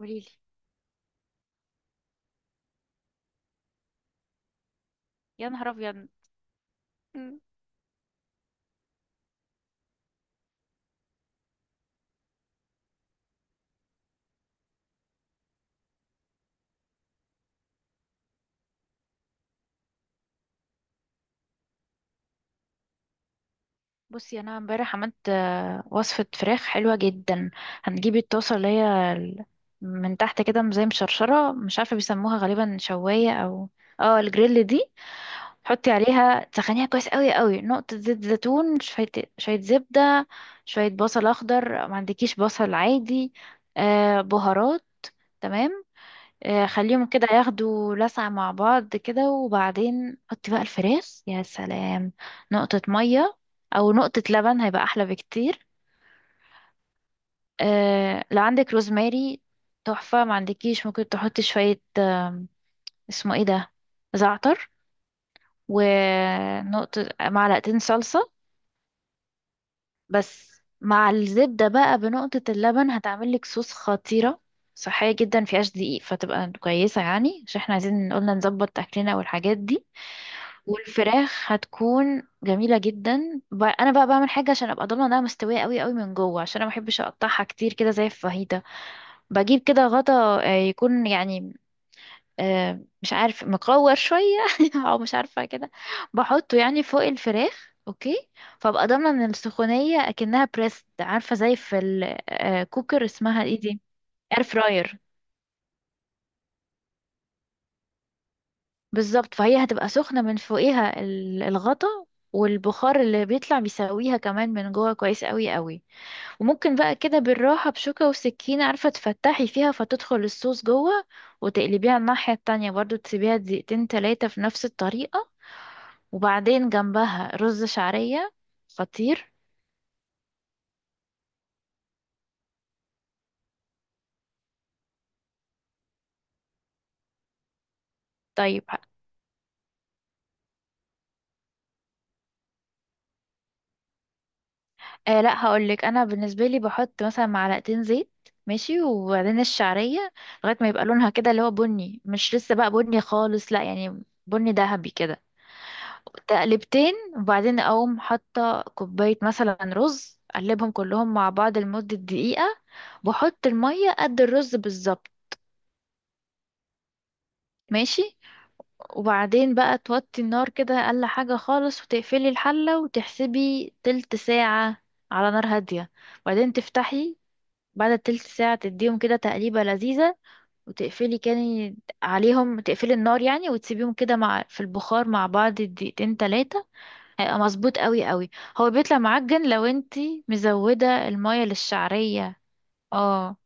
قوليلي. يا نهار ابيض. مم. بصي، انا امبارح عملت وصفه فراخ حلوه جدا. هنجيب الطاسه اللي هي من تحت كده زي مشرشره، مش عارفه بيسموها غالبا شوايه او اه الجريل دي. حطي عليها تسخنيها كويس قوي قوي، نقطه زيت زيتون، شويه شويه زبده، شويه بصل اخضر، ما عندكيش بصل عادي، بهارات. تمام. خليهم كده ياخدوا لسعة مع بعض كده، وبعدين حطي بقى الفراخ. يا سلام. نقطة مية أو نقطة لبن هيبقى أحلى بكتير. لو عندك روزماري تحفة، ما عندكيش ممكن تحطي شوية اسمه ايه ده، زعتر. ونقطة معلقتين صلصة. بس مع الزبدة بقى بنقطة اللبن هتعملك صوص خطيرة، صحية جدا، مفيهاش دقيق، فتبقى كويسة يعني، عشان احنا عايزين قلنا نظبط أكلنا والحاجات دي. والفراخ هتكون جميلة جدا. انا بقى بعمل حاجة عشان ابقى ضامنة انها مستوية قوي قوي من جوه، عشان انا ما بحبش اقطعها كتير كده زي الفاهيتا. بجيب كده غطا يكون يعني مش عارف، مقور شوية او مش عارفة كده، بحطه يعني فوق الفراخ، اوكي. فابقى ضامنة ان السخونية اكنها بريست، عارفة زي في الكوكر، اسمها ايه دي، اير فراير. بالظبط. فهي هتبقى سخنة من فوقيها الغطا والبخار اللي بيطلع بيسويها كمان من جوه كويس قوي قوي. وممكن بقى كده بالراحة بشوكة وسكينة، عارفة، تفتحي فيها فتدخل الصوص جوه، وتقلبيها الناحية التانية برضو، تسيبيها دقيقتين تلاتة في نفس الطريقة. وبعدين جنبها رز شعرية، خطير. طيب. لا، هقولك انا بالنسبه لي بحط مثلا معلقتين زيت، ماشي، وبعدين الشعريه لغايه ما يبقى لونها كده اللي هو بني، مش لسه بقى بني خالص، لا يعني بني ذهبي كده، تقلبتين. وبعدين اقوم حاطه كوبايه مثلا رز، اقلبهم كلهم مع بعض لمده دقيقه، بحط الميه قد الرز بالظبط. ماشي. وبعدين بقى توطي النار كده اقل حاجه خالص، وتقفلي الحله، وتحسبي تلت ساعه على نار هاديه. وبعدين تفتحي، بعد التلت ساعة تديهم كده تقليبة لذيذة، وتقفلي كان عليهم، تقفلي النار يعني، وتسيبيهم كده مع في البخار مع بعض دقيقتين تلاتة، هيبقى مظبوط قوي قوي. هو بيطلع معجن لو انتي مزودة المية للشعرية. اه.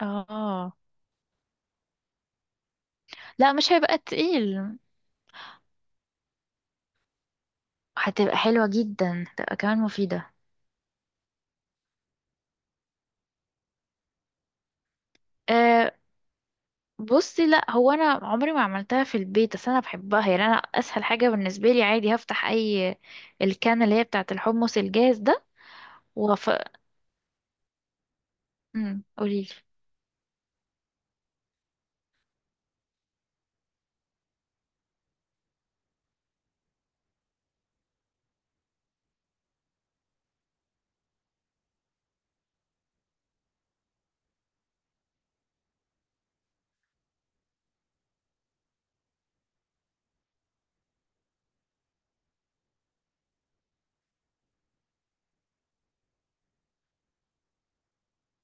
اه لا، مش هيبقى تقيل. هتبقى حلوة جدا، هتبقى كمان مفيدة. أه. بصي، لا هو انا عمري ما عملتها في البيت، بس انا بحبها يعني، انا اسهل حاجة بالنسبة لي عادي هفتح اي الكان اللي هي بتاعة الحمص الجاهز ده، وف- قوليلي.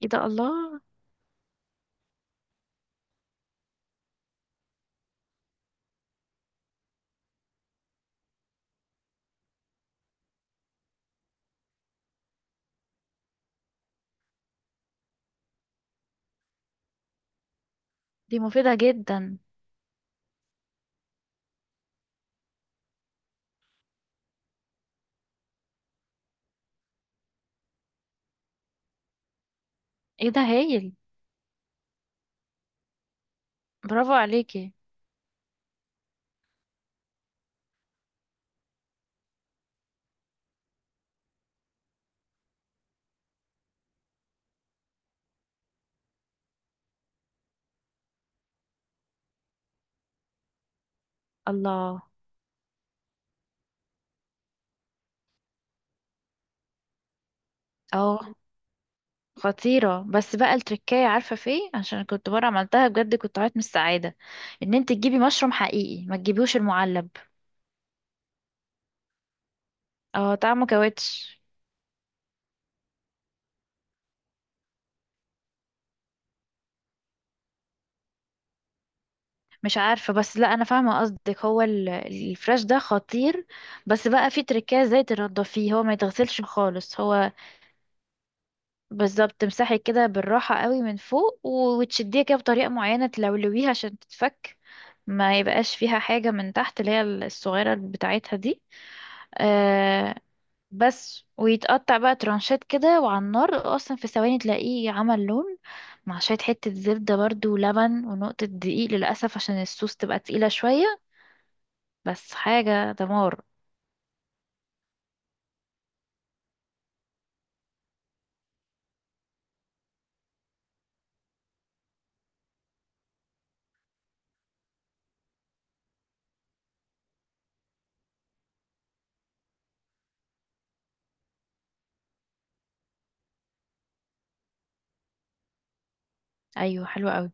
ايه ده، الله. دي مفيدة جدا. ايه ده، هايل. برافو عليكي. الله. اه خطيرة، بس بقى التركية عارفة في إيه؟ عشان كنت مرة عملتها بجد كنت عيط من السعادة. ان انت تجيبي مشروم حقيقي، ما تجيبيهوش المعلب. اه طعمه كاوتش. مش عارفة، بس لا انا فاهمة قصدك، هو الفراش ده خطير. بس بقى في تركية ازاي تنضفيه، هو ما يتغسلش خالص هو. بالظبط، تمسحي كده بالراحة قوي من فوق وتشديها كده بطريقة معينة، تلولويها عشان تتفك، ما يبقاش فيها حاجة من تحت اللي هي الصغيرة بتاعتها دي. آه. بس ويتقطع بقى ترانشات كده، وعلى النار اصلا في ثواني تلاقيه عمل لون، مع شوية حتة زبدة برضو ولبن ونقطة دقيق للأسف عشان الصوص تبقى تقيلة شوية. بس حاجة دمار. ايوه حلوة قوي.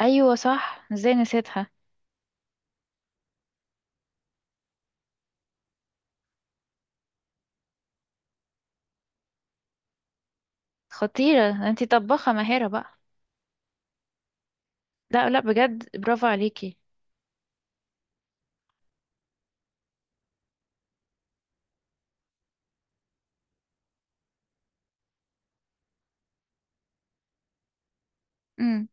ايوه صح، ازاي نسيتها. خطيرة، انتي طباخة ماهرة بقى. لا لا بجد، برافو عليكي. امم.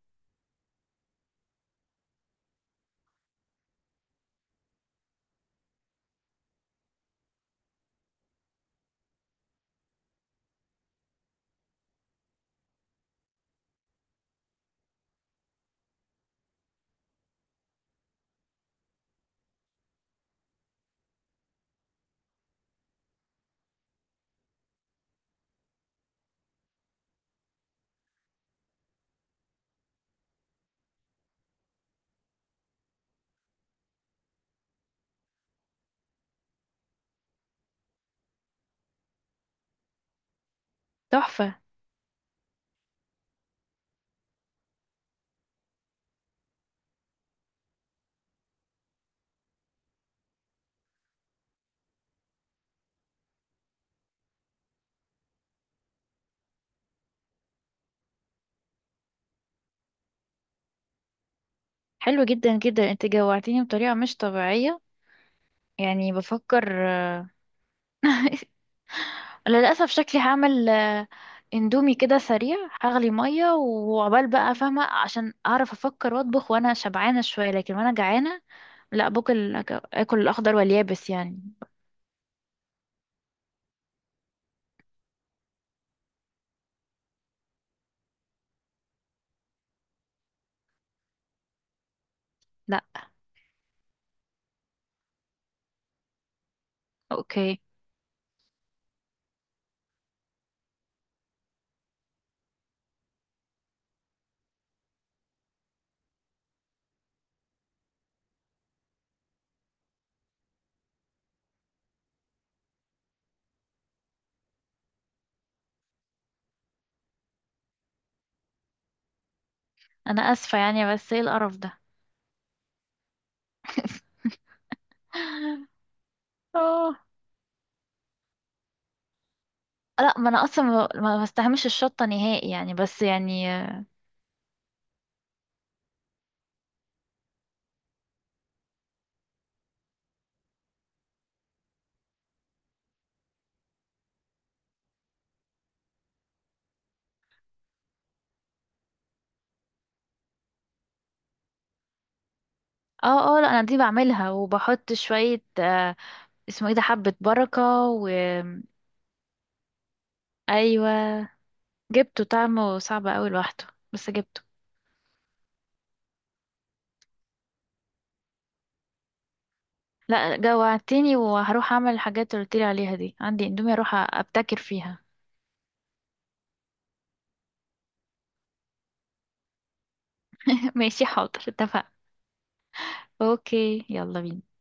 تحفة. حلو جدا جدا. انت جوعتيني بطريقة مش طبيعية، يعني بفكر. للأسف شكلي هعمل اندومي كده سريع، هغلي مية وعقبال بقى، فاهمة؟ عشان أعرف أفكر وأطبخ وأنا شبعانة شوية، لكن وأنا جعانة لا باكل، آكل الأخضر واليابس يعني. لا. أوكي. أنا آسفة يعني، بس إيه القرف ده. اه لا، ما أنا أصلا ما بستحملش الشطة نهائي يعني، بس يعني. اه اه لا، انا دي بعملها وبحط شوية اسمه ايه ده، حبة بركة، و ايوه جبته طعمه صعب اوي لوحده، بس جبته. لا جوعتني، وهروح اعمل الحاجات اللي قلتلي عليها دي، عندي اندومي اروح ابتكر فيها. ماشي حاضر، اتفقنا. اوكي، يلا بينا.